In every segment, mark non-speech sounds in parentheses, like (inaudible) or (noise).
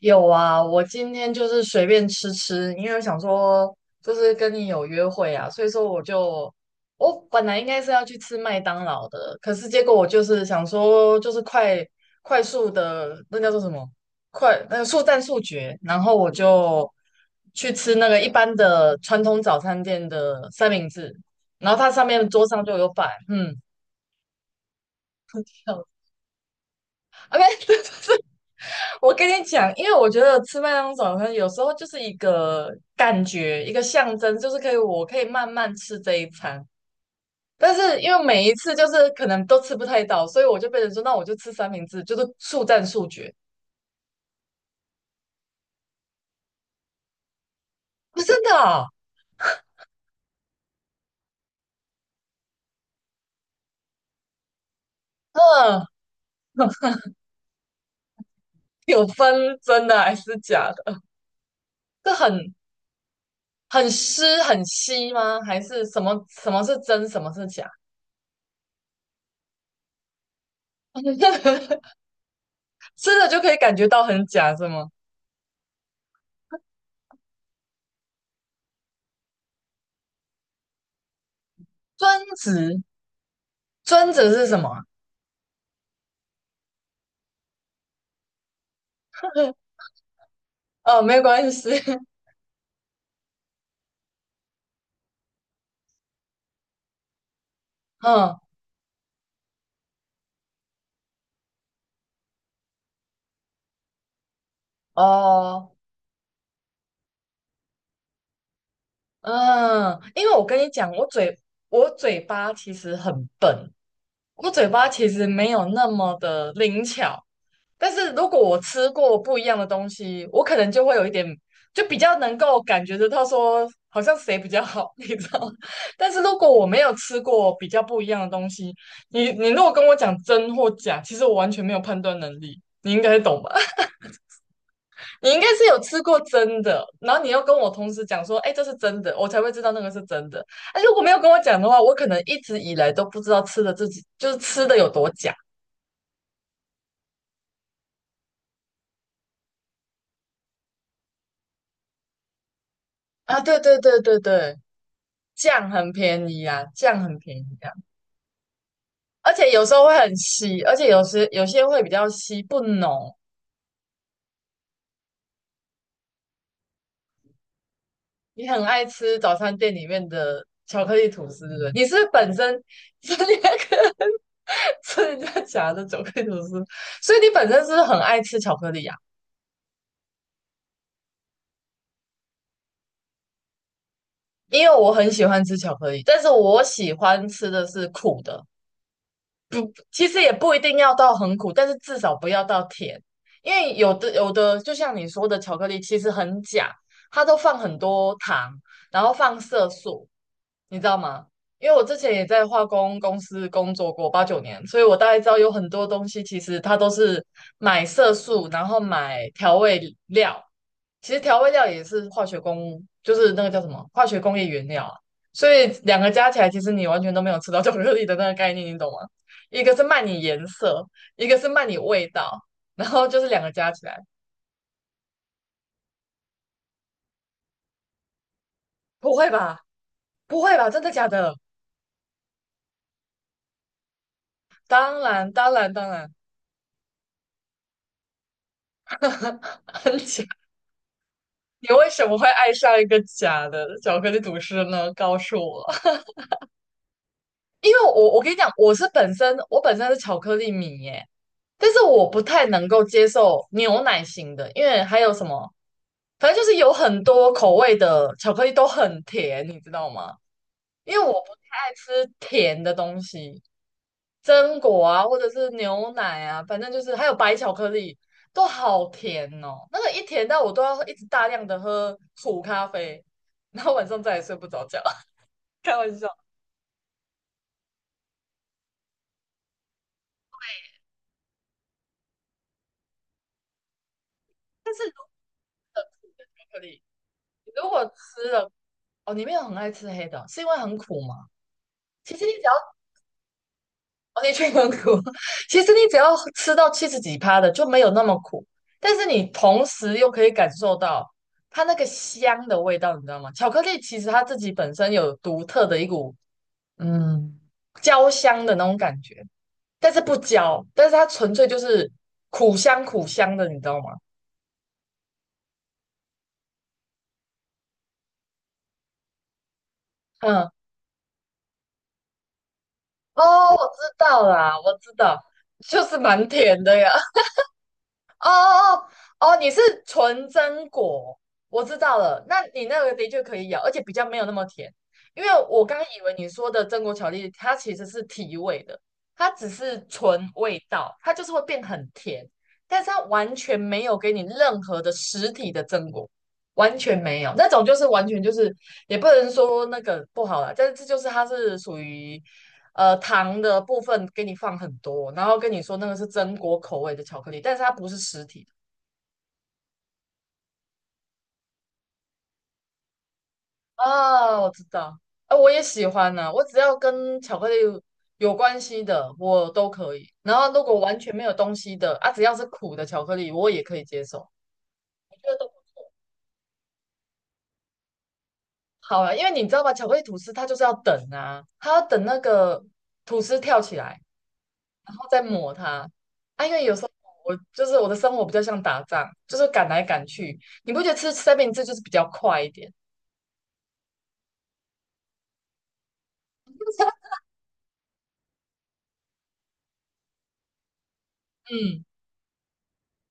有啊，我今天就是随便吃吃，因为我想说就是跟你有约会啊，所以说我本来应该是要去吃麦当劳的。可是结果我就是想说就是快速的，那叫做什么，快那个速战速决。然后我就去吃那个一般的传统早餐店的三明治，然后它上面桌上就有摆。嗯，OK。我跟你讲，因为我觉得吃麦当劳早餐有时候就是一个感觉，一个象征，就是我可以慢慢吃这一餐。但是因为每一次就是可能都吃不太到，所以我就被人说，那我就吃三明治，就是速战速决。不，真的啊？嗯。(laughs) 有分真的还是假的？是很很湿很稀吗？还是什么是真，什么是假？(laughs) 吃的就可以感觉到很假是吗？专职，专职是什么啊？哦，没有关系。(laughs) 嗯。哦，嗯。因为我跟你讲，我嘴巴其实很笨，我嘴巴其实没有那么的灵巧。但是如果我吃过不一样的东西，我可能就会有一点，就比较能够感觉得到说好像谁比较好，(laughs) 你知道吗？但是如果我没有吃过比较不一样的东西，你如果跟我讲真或假，其实我完全没有判断能力，你应该懂吧？你应该是有吃过真的，然后你又跟我同时讲说，哎，这是真的，我才会知道那个是真的。哎，如果没有跟我讲的话，我可能一直以来都不知道吃的自己就是吃的有多假。啊，对对对对对。酱很便宜啊，酱很便宜啊。而且有时候会很稀，而且有些会比较稀不浓。你很爱吃早餐店里面的巧克力吐司，对不对？你是本身， (laughs) 是你爱吃人家夹的巧克力吐司，所以你本身是不是很爱吃巧克力啊？因为我很喜欢吃巧克力，但是我喜欢吃的是苦的。不，其实也不一定要到很苦，但是至少不要到甜。因为有的就像你说的，巧克力其实很假，它都放很多糖，然后放色素，你知道吗？因为我之前也在化工公司工作过八九年，所以我大概知道有很多东西其实它都是买色素，然后买调味料。其实调味料也是化学工，就是那个叫什么化学工业原料啊。所以两个加起来，其实你完全都没有吃到巧克力的那个概念，你懂吗？一个是卖你颜色，一个是卖你味道，然后就是两个加起来。不会吧？不会吧？真的假的？当然，当然，当然。(laughs) 很假。你为什么会爱上一个假的巧克力吐司呢？告诉我。(laughs) 因为我跟你讲，我本身是巧克力迷耶。但是我不太能够接受牛奶型的，因为还有什么，反正就是有很多口味的巧克力都很甜，你知道吗？因为我不太爱吃甜的东西，榛果啊，或者是牛奶啊，反正就是还有白巧克力，都好甜哦。那个一甜到我都要一直大量的喝苦咖啡，然后晚上再也睡不着觉。(laughs) 开玩笑，巧克力。如果吃了，哦，你没有很爱吃黑的哦，是因为很苦吗？其实你只要，哦，你确实很苦。(laughs) 其实你只要吃到七十几趴的就没有那么苦，但是你同时又可以感受到它那个香的味道，你知道吗？巧克力其实它自己本身有独特的一股，嗯，焦香的那种感觉。但是不焦，但是它纯粹就是苦香苦香的，你知道吗？嗯。哦，我知道啦，我知道，就是蛮甜的呀。哦哦哦。哦，你是纯榛果，我知道了。那你那个的确可以咬，而且比较没有那么甜。因为我刚以为你说的榛果巧克力，它其实是提味的，它只是纯味道，它就是会变很甜，但是它完全没有给你任何的实体的榛果，完全没有。那种就是完全就是，也不能说那个不好啦，但是这就是它是属于。呃，糖的部分给你放很多，然后跟你说那个是榛果口味的巧克力，但是它不是实体的。啊，我知道。啊，我也喜欢呢，我只要跟巧克力有关系的，我都可以。然后如果完全没有东西的，啊，只要是苦的巧克力，我也可以接受。我觉得都好了。因为你知道吧，巧克力吐司它就是要等啊，它要等那个吐司跳起来。然后再抹它。啊，因为有时候我就是我的生活比较像打仗，就是赶来赶去。你不觉得吃三明治就是比较快一点？嗯。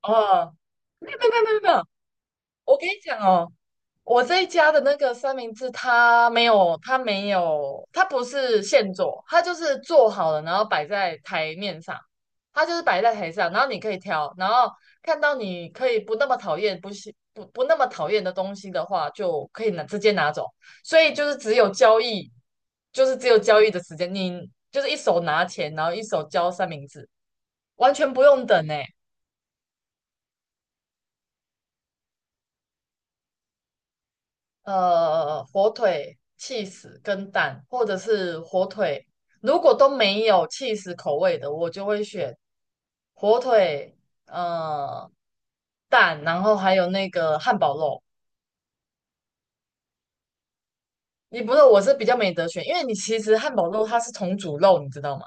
哦，没有没有没有没有，没有，我跟你讲哦，我这一家的那个三明治，它没有，它没有，它不是现做，它就是做好了，然后摆在台面上。它就是摆在台上，然后你可以挑，然后看到你可以不那么讨厌，不喜不不那么讨厌的东西的话，就可以拿，直接拿走。所以就是只有交易，就是只有交易的时间，你就是一手拿钱，然后一手交三明治，完全不用等呢。呃，火腿 cheese 跟蛋，或者是火腿。如果都没有 cheese 口味的，我就会选火腿，呃，蛋，然后还有那个汉堡肉。你不是，我是比较没得选，因为你其实汉堡肉它是重组肉，你知道吗？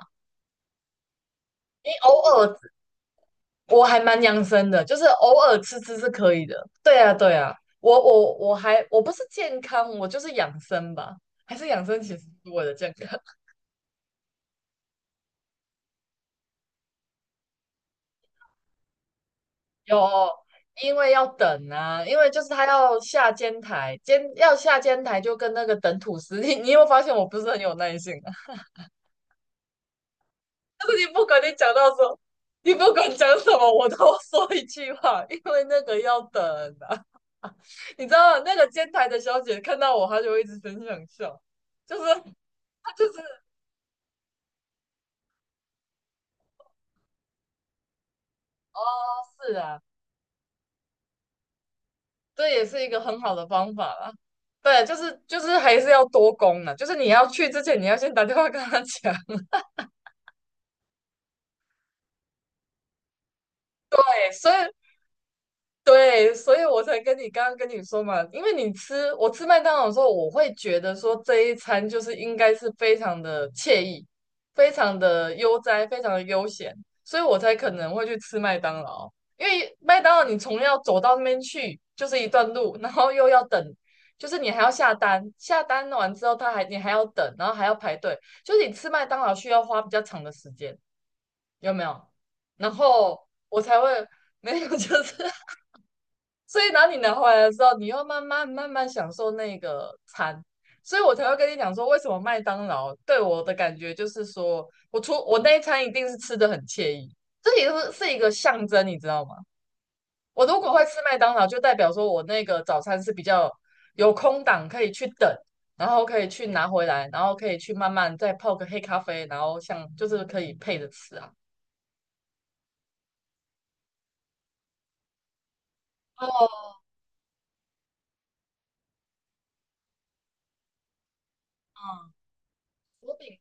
你偶尔，我还蛮养生的，就是偶尔吃吃是可以的。对啊，对啊。我不是健康，我就是养生吧，还是养生其实是为了健康。有，因为要等啊，因为就是他要下监台，监要下监台就跟那个等吐司。你有没有发现我不是很有耐性啊？(laughs) 但是你不管你讲到说，你不管讲什么，我都说一句话，因为那个要等啊。(laughs) 你知道那个监台的小姐看到我，她就会一直很想笑，就是。哦，是啊，这也是一个很好的方法啦。对，就是还是要多攻呢，就是你要去之前，你要先打电话跟她讲。(laughs) 所以。对，所以我才跟你刚刚跟你说嘛，因为我吃麦当劳的时候，我会觉得说这一餐就是应该是非常的惬意，非常的悠哉，非常的悠闲，所以我才可能会去吃麦当劳。因为麦当劳你从要走到那边去就是一段路，然后又要等，就是你还要下单，下单完之后你还要等，然后还要排队，就是你吃麦当劳需要花比较长的时间，有没有？然后我才会没有，就是。所以，然后你拿回来的时候，你又慢慢慢慢享受那个餐。所以我才会跟你讲说，为什么麦当劳对我的感觉就是说，我那一餐一定是吃的很惬意，这也是一个象征，你知道吗？我如果会吃麦当劳，就代表说我那个早餐是比较有空档可以去等，然后可以去拿回来，然后可以去慢慢再泡个黑咖啡，然后像就是可以配着吃啊。哦。嗯。薄饼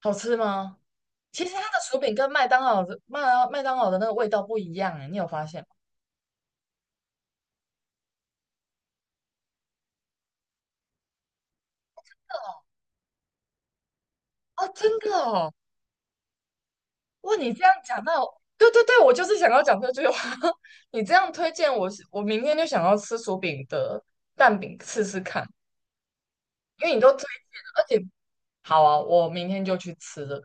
好吃吗？其实它的薯饼跟麦当劳的，麦当劳的那个味道不一样诶，你有发现吗？哦，真的哦！哇，你这样讲到，对对对，我就是想要讲这句话。(laughs) 你这样推荐我是，我明天就想要吃薯饼的蛋饼试试看，因为你都推荐了，而且好啊，我明天就去吃了。